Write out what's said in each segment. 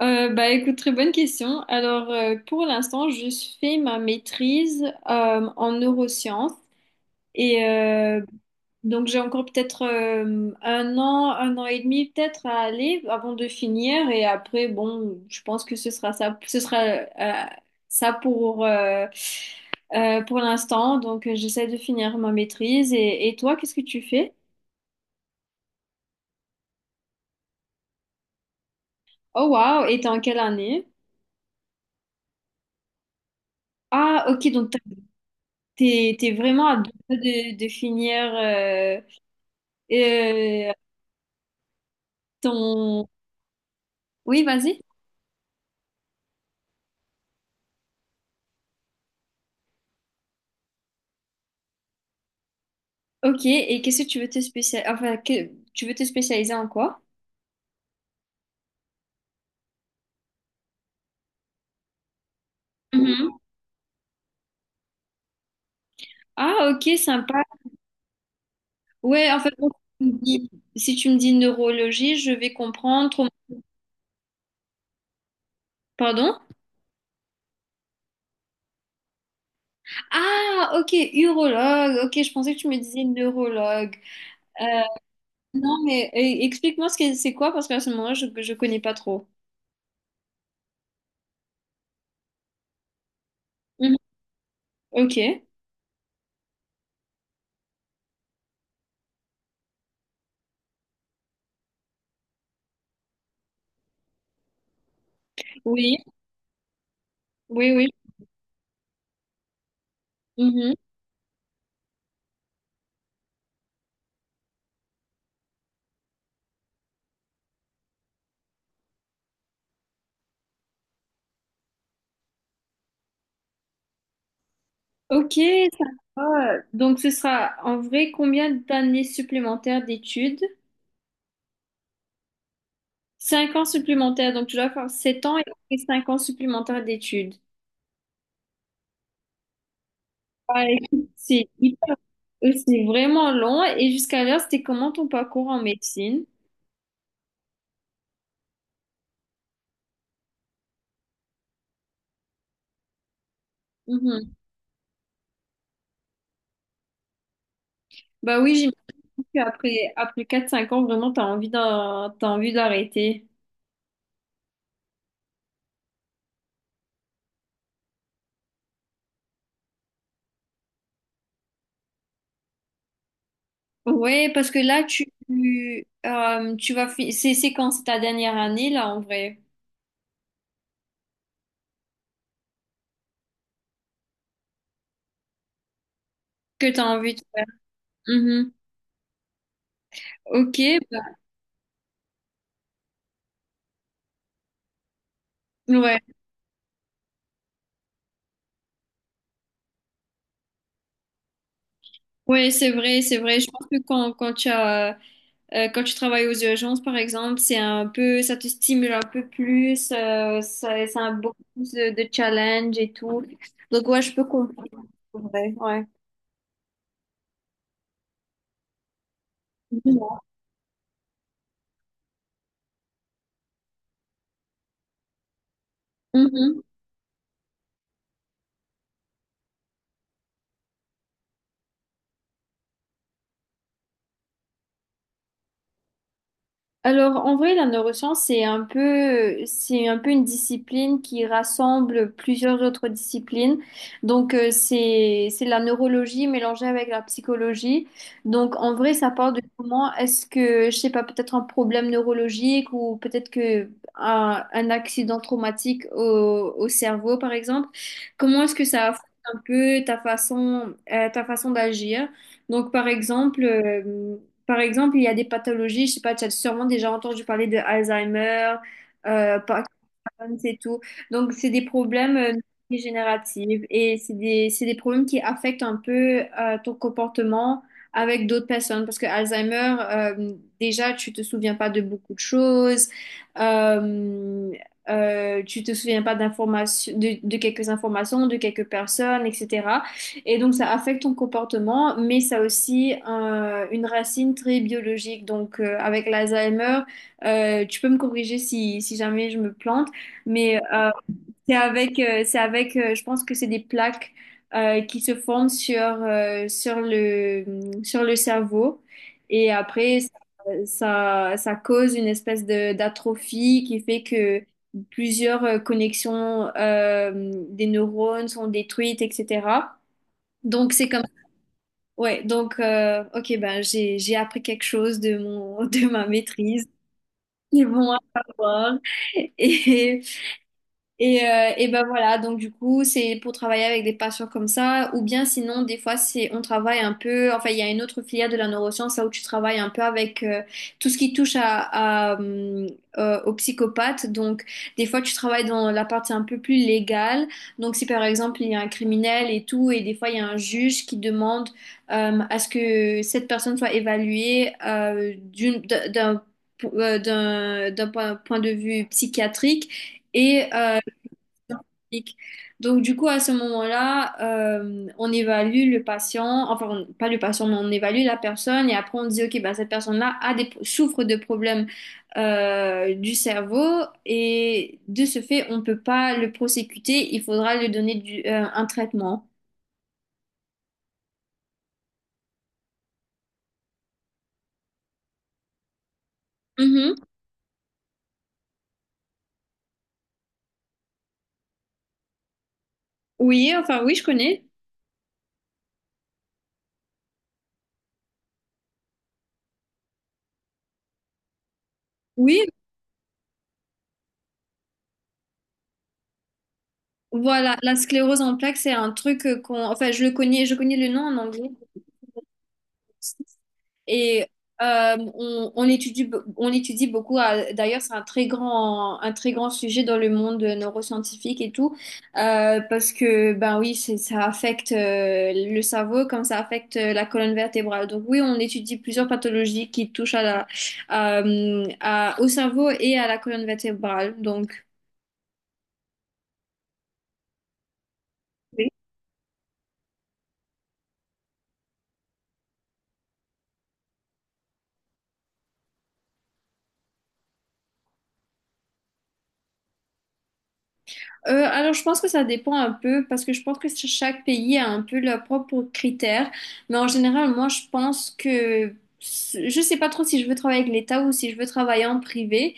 Bah écoute, très bonne question. Alors pour l'instant, je fais ma maîtrise en neurosciences et donc j'ai encore peut-être 1 an, 1 an et demi peut-être à aller avant de finir et après bon, je pense que ce sera ça pour l'instant. Donc j'essaie de finir ma maîtrise et toi, qu'est-ce que tu fais? Oh waouh, et t'es en quelle année? Ah, ok, donc t'es, t'es vraiment à deux doigts de finir euh, ton... Oui, vas-y. Ok, et qu'est-ce que tu veux te spécialiser... Enfin, tu veux te spécialiser en quoi? Mhm. Ah, ok, sympa. Ouais, en fait, bon, si tu me dis si tu me dis neurologie, je vais comprendre. Trauma- Pardon? Ah, ok, urologue. Ok, je pensais que tu me disais neurologue. Euh, non, mais explique-moi ce que c'est quoi, parce qu'à ce moment-là, je ne connais pas trop. Mhm. Ok, oui, oui, oui. Mm-hmm. Ok, ça va. Donc, ce sera en vrai combien d'années supplémentaires d'études? 5 ans supplémentaires, donc tu dois faire 7 ans et après 5 ans supplémentaires d'études. Ouais, écoute, c'est hyper- c'est vraiment long. Et jusqu'à l'heure, c'était comment ton parcours en médecine? Mhm. Bah oui, j'imagine qu'après après quatre cinq ans, vraiment, t'as envie d'en- t'as envie d'arrêter. Ouais, parce que là, tu, tu vas fi- c'est quand c'est ta dernière année, là, en vrai, que t'as envie de... Mhm. Ok, ouais. Oui, c'est vrai, c'est vrai. Je pense que quand tu as, quand tu travailles aux urgences, par exemple, c'est un peu, ça te stimule un peu plus, ça a beaucoup plus de challenge et tout. Donc, ouais, je peux comprendre. C'est vrai. Ouais. Mhm. Alors, en vrai, la neuroscience, c'est un peu une discipline qui rassemble plusieurs autres disciplines. Donc, c'est la neurologie mélangée avec la psychologie. Donc, en vrai, ça part de comment est-ce que, je sais pas, peut-être un problème neurologique ou peut-être que un accident traumatique au cerveau, par exemple. Comment est-ce que ça affecte un peu ta façon d'agir? Donc, par exemple, il y a des pathologies, je sais pas, tu as sûrement déjà entendu parler de Alzheimer, par- c'est tout. Donc, c'est des problèmes dégénératifs et c'est des problèmes qui affectent un peu ton comportement avec d'autres personnes. Parce que Alzheimer, déjà, tu te souviens pas de beaucoup de choses, euh, tu te souviens pas d'informations, de quelques informations, de quelques personnes, etc. Et donc, ça affecte ton comportement, mais ça a aussi une racine très biologique. Donc, avec l'Alzheimer, tu peux me corriger si, si jamais je me plante, mais c'est avec je pense que c'est des plaques qui se forment sur, sur le cerveau. Et après, ça cause une espèce de, d'atrophie qui fait que plusieurs connexions des neurones sont détruites, etc. Donc, c'est comme... Ouais, donc, ok, ben, j'ai appris quelque chose de mon, de ma maîtrise. C'est bon à savoir. Et, et ben voilà, donc du coup, c'est pour travailler avec des patients comme ça, ou bien sinon, des fois, c'est on travaille un peu, enfin, il y a une autre filière de la neuroscience, là où tu travailles un peu avec tout ce qui touche aux psychopathes. Donc, des fois, tu travailles dans la partie un peu plus légale. Donc, si par exemple, il y a un criminel et tout, et des fois, il y a un juge qui demande à ce que cette personne soit évaluée d'un point de vue psychiatrique. Et diagnostic. Donc, du coup, à ce moment-là, on évalue le patient, enfin, on- pas le patient, mais on évalue la personne et après on dit, OK, bah, cette personne-là a des, souffre de problèmes du cerveau et de ce fait, on ne peut pas le prosécuter, il faudra lui donner du- un traitement. Mhm. Oui, enfin, oui, je connais. Oui, voilà, la sclérose en plaques, c'est un truc qu'on, enfin, je le connais, je connais le nom en anglais. Et on étudie, on étudie beaucoup, à- d'ailleurs c'est un très grand sujet dans le monde neuroscientifique et tout, parce que ben oui, c'est- ça affecte le cerveau comme ça affecte la colonne vertébrale. Donc oui, on étudie plusieurs pathologies qui touchent à la, à- au cerveau et à la colonne vertébrale. Donc. Alors, je pense que ça dépend un peu parce que je pense que chaque pays a un peu leurs propres critères. Mais en général, moi, je pense que je sais pas trop si je veux travailler avec l'État ou si je veux travailler en privé.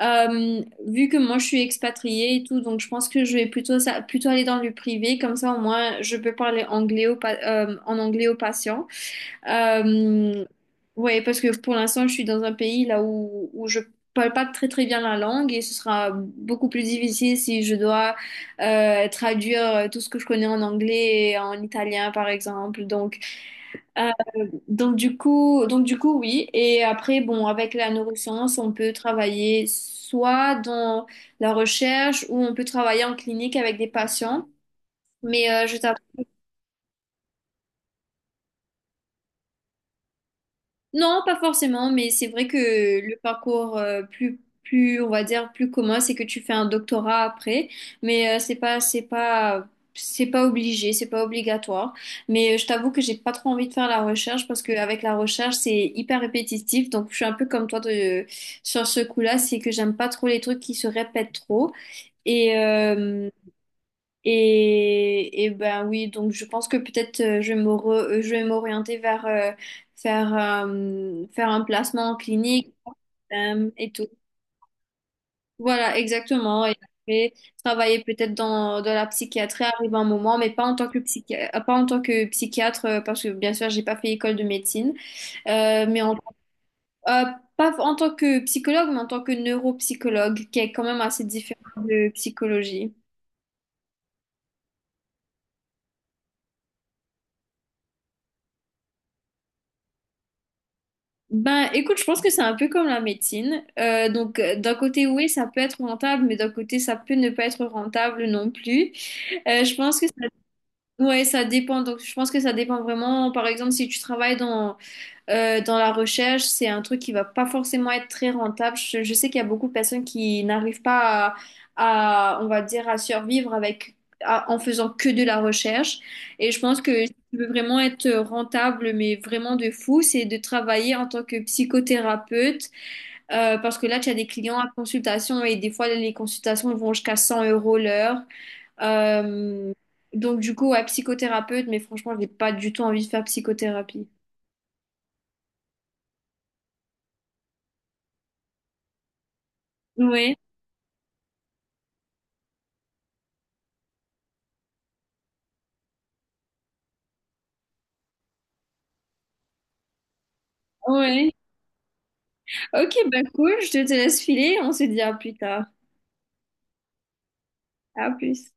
Euh, Vu que moi, je suis expatriée et tout, donc je pense que je vais plutôt aller dans le privé. Comme ça, au moins, je peux parler anglais en anglais aux patients. Euh, ouais, parce que pour l'instant, je suis dans un pays là où je parle pas très très bien la langue et ce sera beaucoup plus difficile si je dois traduire tout ce que je connais en anglais et en italien, par exemple. Euh, donc du coup, oui. Et après, bon, avec la neuroscience, on peut travailler soit dans la recherche ou on peut travailler en clinique avec des patients. Mais je t'avoue. Non, pas forcément, mais c'est vrai que le parcours plus on va dire plus commun, c'est que tu fais un doctorat après, mais c'est pas obligé, c'est pas obligatoire. Mais je t'avoue que j'ai pas trop envie de faire la recherche parce qu'avec la recherche, c'est hyper répétitif. Donc je suis un peu comme toi sur ce coup-là, c'est que j'aime pas trop les trucs qui se répètent trop. Et euh, et ben oui, donc je pense que peut-être je vais m'orienter vers faire un placement en clinique et tout. Voilà, exactement. Et après, travailler peut-être dans la psychiatrie arrive un moment, mais pas en tant que psychiatre, pas en tant que psychiatre, parce que bien sûr, j'ai pas fait école de médecine, mais en, euh, pas en tant que psychologue, mais en tant que neuropsychologue, qui est quand même assez différent de psychologie. Ben, écoute, je pense que c'est un peu comme la médecine. Donc, d'un côté, oui, ça peut être rentable, mais d'un côté, ça peut ne pas être rentable non plus. Je pense que ça, ouais, ça dépend. Donc, je pense que ça dépend vraiment. Par exemple, si tu travailles dans la recherche, c'est un truc qui va pas forcément être très rentable. Je sais qu'il y a beaucoup de personnes qui n'arrivent pas à, on va dire, à survivre avec, en faisant que de la recherche. Et je pense que si tu veux vraiment être rentable, mais vraiment de fou, c'est de travailler en tant que psychothérapeute, parce que là, tu as des clients à consultation et des fois, les consultations vont jusqu'à 100 € l'heure. Euh, donc, du coup, ouais, psychothérapeute, mais franchement, je n'ai pas du tout envie de faire psychothérapie. Oui, oui. Ok, bah cool, je te laisse filer, on se dit à plus tard. À plus.